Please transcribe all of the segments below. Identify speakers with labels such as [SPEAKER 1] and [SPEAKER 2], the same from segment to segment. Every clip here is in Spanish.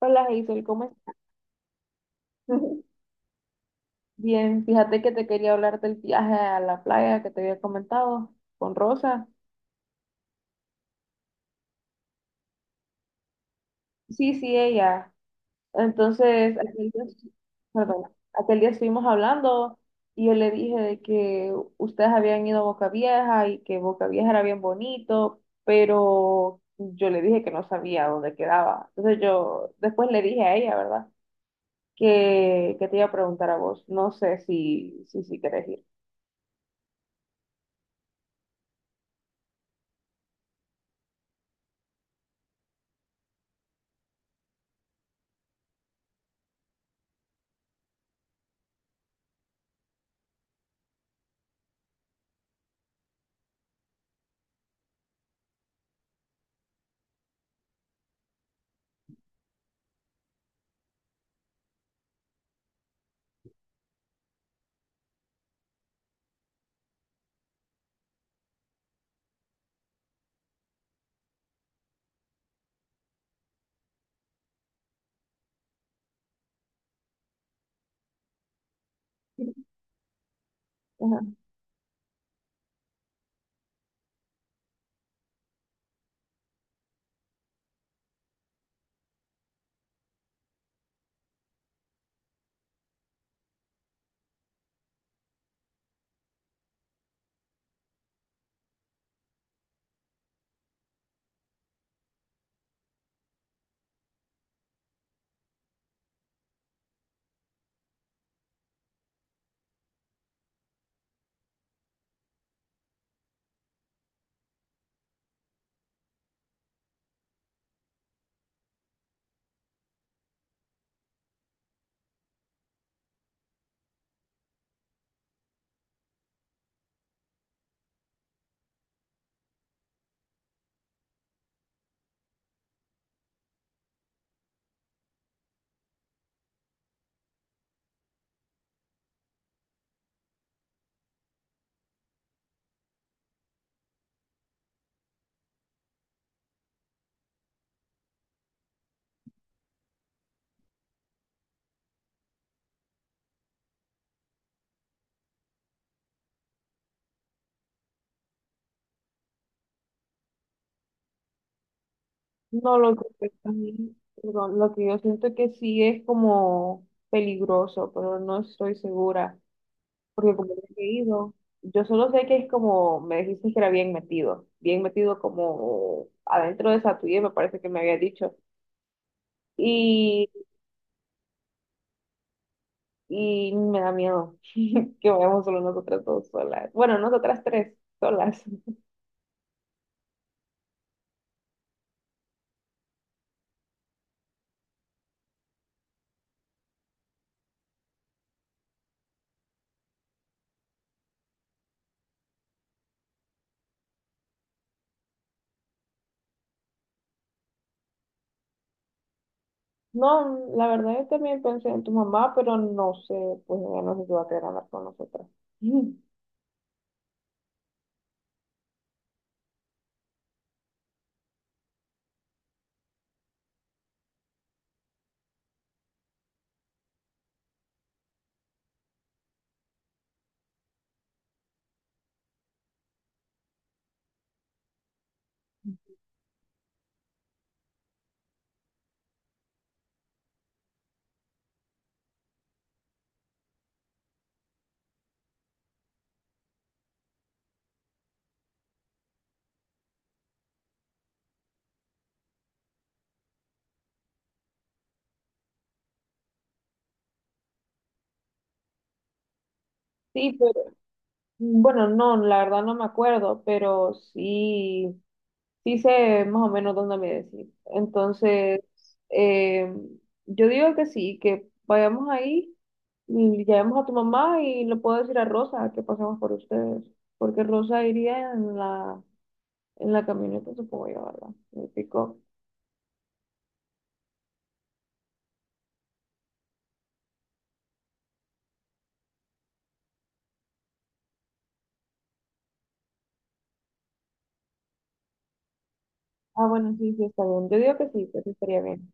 [SPEAKER 1] Hola, Hazel, ¿cómo estás? Bien, fíjate que te quería hablar del viaje a la playa que te había comentado con Rosa. Sí, sí, ella. Entonces, aquel día, perdón, aquel día estuvimos hablando y yo le dije de que ustedes habían ido a Boca Vieja y que Boca Vieja era bien bonito, pero yo le dije que no sabía dónde quedaba. Entonces yo después le dije a ella, ¿verdad? Que te iba a preguntar a vos. No sé si querés ir. Ajá. No, lo que, pues, también, perdón, lo que yo siento que sí es como peligroso, pero no estoy segura, porque como no he ido, yo solo sé que es como, me dijiste que era bien metido como adentro de esa tuya, me parece que me había dicho, y, y me da miedo que vayamos solo nosotras dos solas, bueno, nosotras tres solas. No, la verdad yo también pensé en tu mamá, pero no sé, pues ella no sé si va a querer hablar con nosotras. Sí, pero bueno, no, la verdad no me acuerdo, pero sí, sí sé más o menos dónde me decir. Entonces, eh, yo digo que sí, que vayamos ahí y llamemos a tu mamá y le puedo decir a Rosa que pasemos por ustedes, porque Rosa iría en la camioneta, supongo yo, ¿verdad? Me picó. Ah, bueno, sí, sí, está bien. Yo digo que sí estaría bien.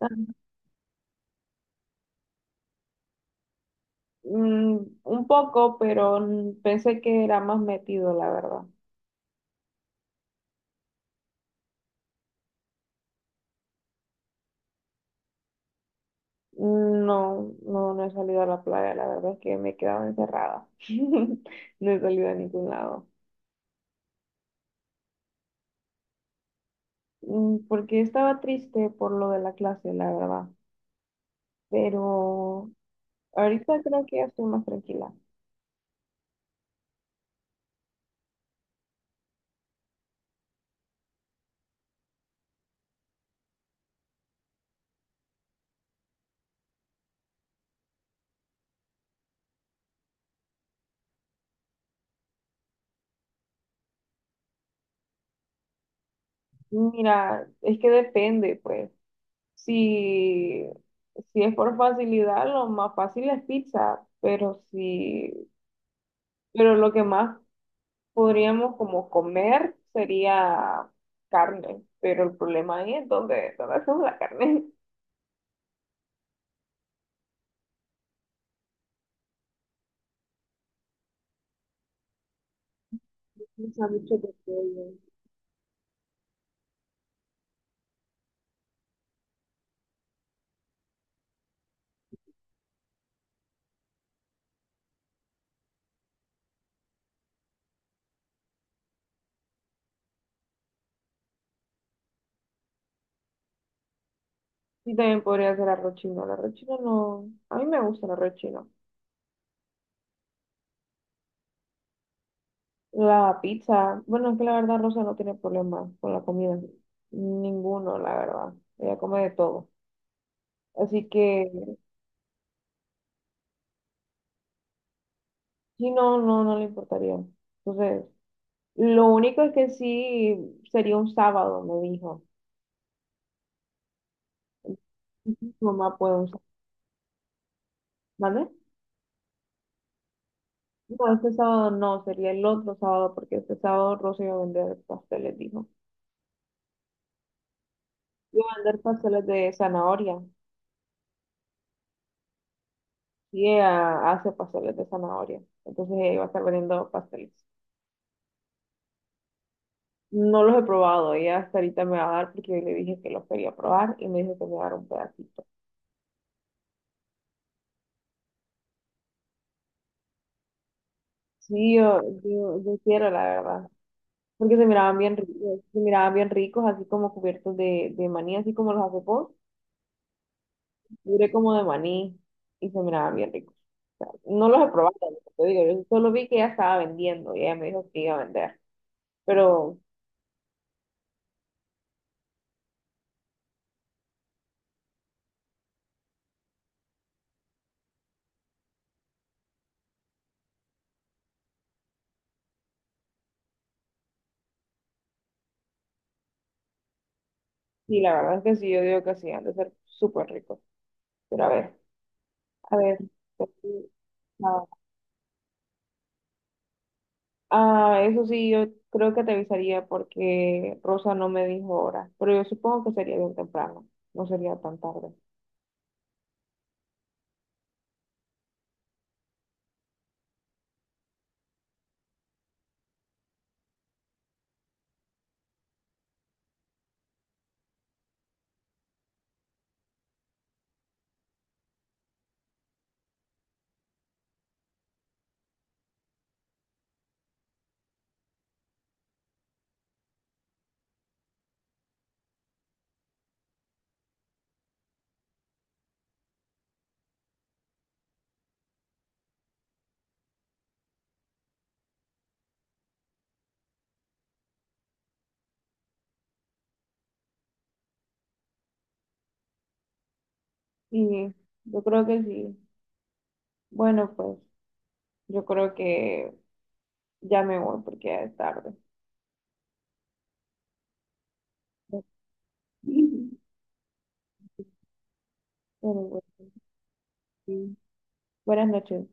[SPEAKER 1] Ah, mm, un poco, pero pensé que era más metido, la verdad. No, no, no he salido a la playa, la verdad es que me he quedado encerrada. No he salido a ningún lado. Porque estaba triste por lo de la clase, la verdad. Pero ahorita creo que ya estoy más tranquila. Mira, es que depende, pues. Si, si es por facilidad, lo más fácil es pizza, pero si, pero lo que más podríamos como comer, sería carne, pero el problema ahí es donde hacemos la carne. Los sándwiches de pollo. Y también podría ser arroz chino. El arroz chino no. A mí me gusta el arroz chino. La pizza. Bueno, es que la verdad Rosa no tiene problema con la comida. Ninguno, la verdad. Ella come de todo. Así que sí, no, no, no le importaría. Entonces, lo único es que sí sería un sábado, me dijo. Ujú. Mamá puede un sábado. No, este sábado no, sería el otro sábado, porque este sábado Rosa iba a vender pasteles, dijo. Iba a vender pasteles de zanahoria. Y ella hace pasteles de zanahoria. Entonces ella iba a estar vendiendo pasteles. No los he probado, ella hasta ahorita me va a dar porque yo le dije que los quería probar y me dijo que me iba a dar un pedacito. Sí, yo quiero, la verdad. Porque se miraban bien ricos, se miraban bien ricos, así como cubiertos de maní, así como los hace vos. Duré como de maní y se miraban bien ricos. O sea, no los he probado, te digo, yo solo vi que ella estaba vendiendo y ella me dijo que iba a vender. Pero sí, la verdad es que sí, yo digo que sí, han de ser súper ricos. Pero a ver, a ver. Pues, Ah, eso sí, yo creo que te avisaría porque Rosa no me dijo hora, pero yo supongo que sería bien temprano, no sería tan tarde. Y yo creo que sí. Bueno, pues yo creo que ya me voy porque ya es tarde. Pero bueno, sí. Buenas noches.